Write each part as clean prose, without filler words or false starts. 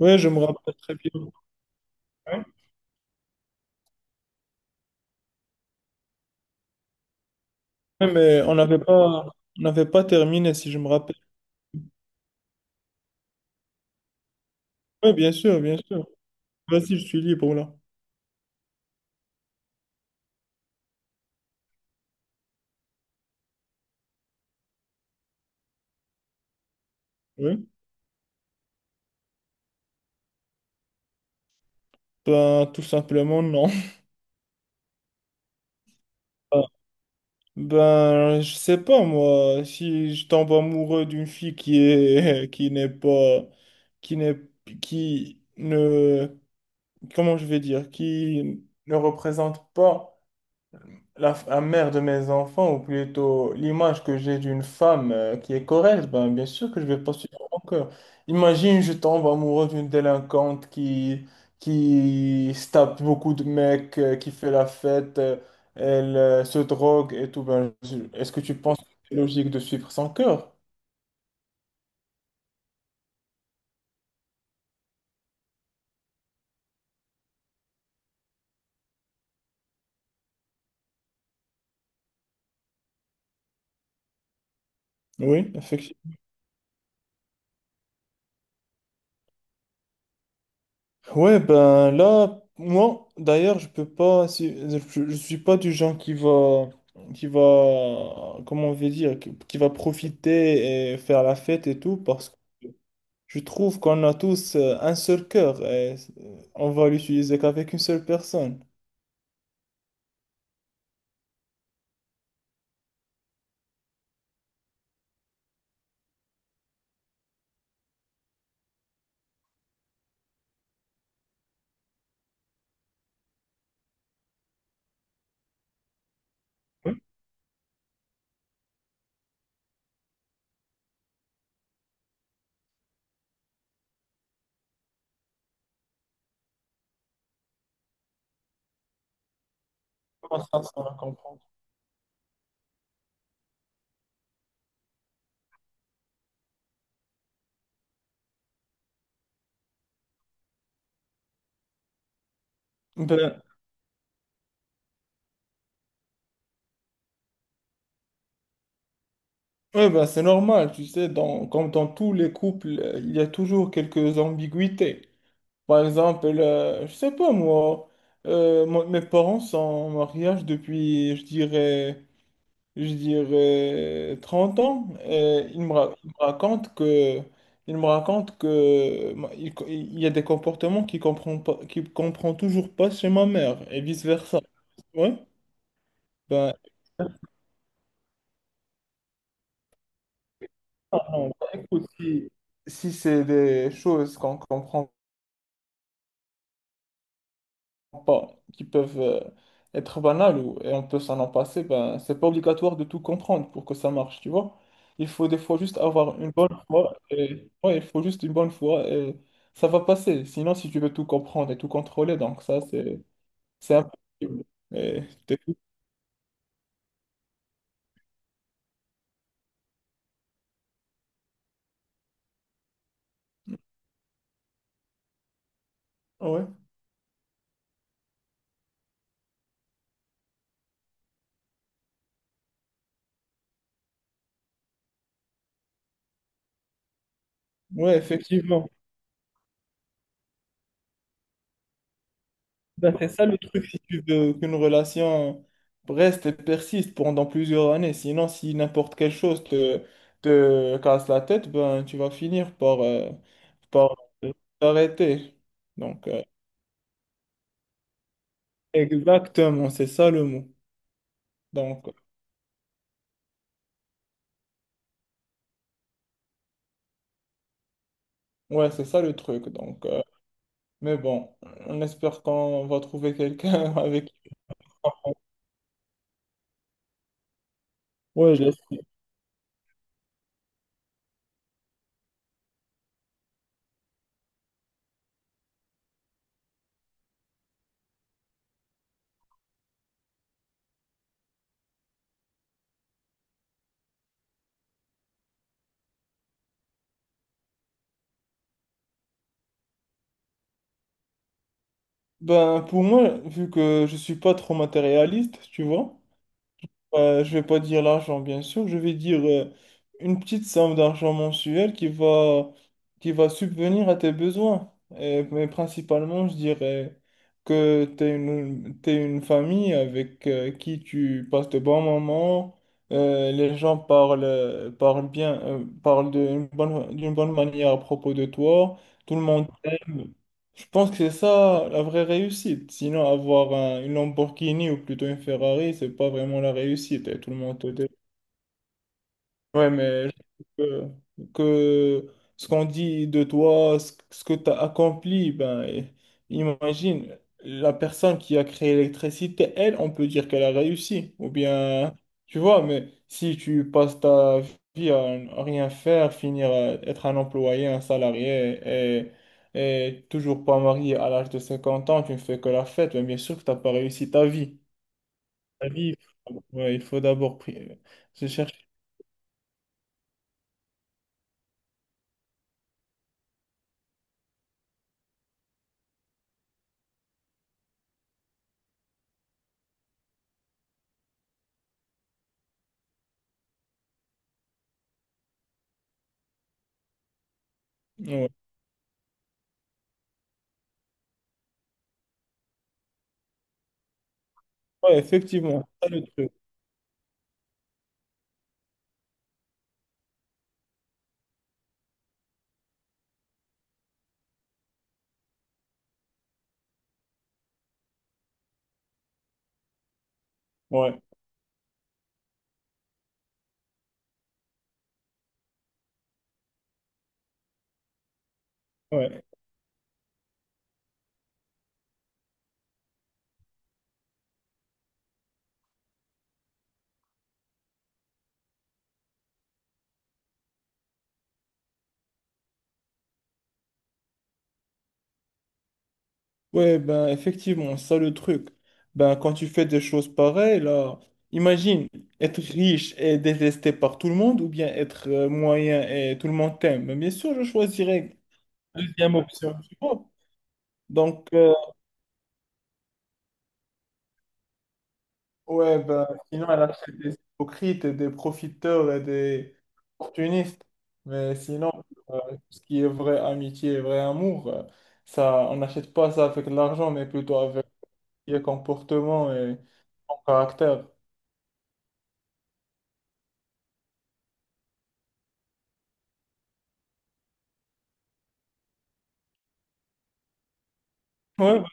Ouais, je me rappelle très bien. Ouais. Ouais, mais on n'avait pas terminé, si je me rappelle. Oui, bien sûr, bien sûr. Vas-y, je suis libre là. Oui. Ben, tout simplement, non. Ben, je sais pas, moi, si je tombe amoureux d'une fille qui est, qui n'est pas, qui n'est, qui ne, comment je vais dire, qui ne représente pas. La mère de mes enfants, ou plutôt l'image que j'ai d'une femme qui est correcte, ben, bien sûr que je vais pas suivre mon cœur. Imagine, je tombe amoureux d'une délinquante qui se tape beaucoup de mecs, qui fait la fête, elle se drogue et tout. Ben, est-ce que tu penses que c'est logique de suivre son cœur? Oui, effectivement. Ouais, ben là, moi, d'ailleurs, je peux pas, je suis pas du genre comment on veut dire, qui va profiter et faire la fête et tout, parce que je trouve qu'on a tous un seul cœur et on va l'utiliser qu'avec une seule personne. Ouais. Comment ça, ça on va comprendre? Ben, ouais, ben c'est normal, tu sais, dans, comme dans tous les couples, il y a toujours quelques ambiguïtés. Par exemple, je sais pas moi, mes parents sont en mariage depuis, je dirais 30 ans. Et ils me racontent que, il y a des comportements qu'ils comprend toujours pas chez ma mère et vice-versa. Ouais. Ben, ah non, bah, écoute, si c'est des choses qu'on comprend pas, qui peuvent être banales ou, et on peut s'en en passer, ben, c'est pas obligatoire de tout comprendre pour que ça marche, tu vois. Il faut des fois juste avoir une bonne foi et ouais, il faut juste une bonne foi et ça va passer. Sinon, si tu veux tout comprendre et tout contrôler, donc ça, c'est impossible. Et t'es- ouais, ouais, effectivement. Ben, c'est ça le truc, si tu veux qu'une relation reste et persiste pendant plusieurs années. Sinon, si n'importe quelle chose te casse la tête, ben, tu vas finir par t'arrêter. Donc, exactement, c'est ça le mot. Donc, ouais, c'est ça le truc. Donc, mais bon, on espère qu'on va trouver quelqu'un avec... Ouais, je l'espère. Ben, pour moi, vu que je suis pas trop matérialiste, tu vois. Je vais pas dire l'argent, bien sûr, je vais dire une petite somme d'argent mensuel qui va subvenir à tes besoins. Mais principalement, je dirais que t'es une famille avec qui tu passes de bons moments. Les gens parlent bien, parlent d'une bonne manière à propos de toi. Tout le monde t'aime. Je pense que c'est ça la vraie réussite. Sinon, avoir une Lamborghini ou plutôt une Ferrari, c'est pas vraiment la réussite. Et tout le monde te dit. Ouais, mais je trouve que ce qu'on dit de toi, ce que tu as accompli, ben, imagine, la personne qui a créé l'électricité, elle, on peut dire qu'elle a réussi. Ou bien, tu vois, mais si tu passes ta vie à rien faire, finir à être un employé, un salarié et, et toujours pas marié à l'âge de 50 ans, tu ne fais que la fête, mais bien sûr que tu n'as pas réussi ta vie. Ta vie, ouais, il faut d'abord se chercher. Ouais. Ouais, effectivement, ça le truc. Ouais, ouais. Ouais, ben effectivement, ça le truc. Ben quand tu fais des choses pareilles, là, imagine être riche et détesté par tout le monde ou bien être moyen et tout le monde t'aime. Ben, bien sûr, je choisirais la deuxième option, tu vois. Donc, ouais, ben sinon, elle achète des hypocrites et des profiteurs et des opportunistes. Mais sinon, euh, ce qui est vraie amitié et vrai amour, ça, on n'achète pas ça avec de l'argent, mais plutôt avec qui est comportement et ton caractère. Ouais, bah,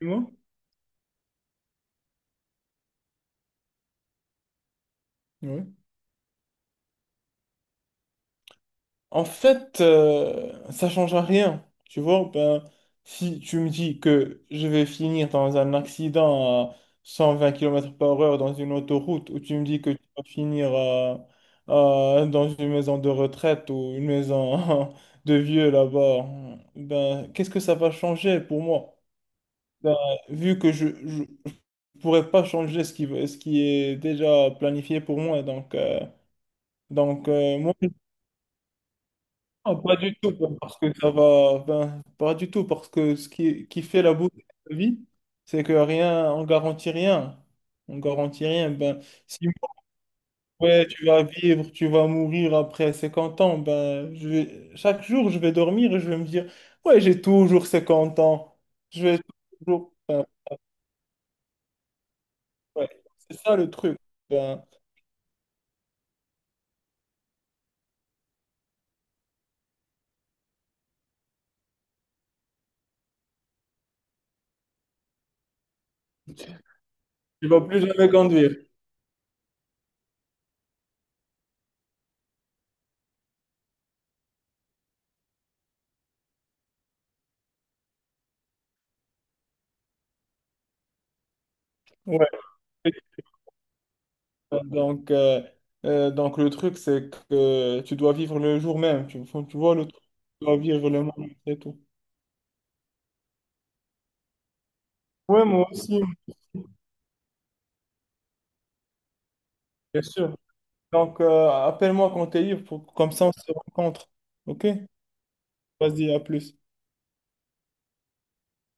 dis-moi. Ouais. En fait, ça change à rien. Tu vois, ben, si tu me dis que je vais finir dans un accident à 120 km/h dans une autoroute, ou tu me dis que tu vas finir dans une maison de retraite ou une maison de vieux là-bas, ben, qu'est-ce que ça va changer pour moi? Ben, vu que je ne pourrais pas changer ce qui est déjà planifié pour moi, donc moi, non, pas du tout, parce que ça va, ben, pas du tout, parce que ce qui fait la beauté de la vie, c'est que rien, on garantit rien. On garantit rien. Ben, si ouais, tu vas vivre, tu vas mourir après 50 ans, ben, chaque jour, je vais dormir et je vais me dire, ouais, j'ai toujours 50 ans. Je vais toujours. Ben, ouais, c'est ça le truc. Ben, tu vas plus jamais conduire. Ouais. Donc, euh, donc le truc, c'est que tu dois vivre le jour même. Tu vois le truc. Tu dois vivre le moment, c'est tout. Ouais, moi aussi, bien sûr. Donc, appelle-moi quand t'es libre, comme ça on se rencontre. OK? Vas-y, à plus.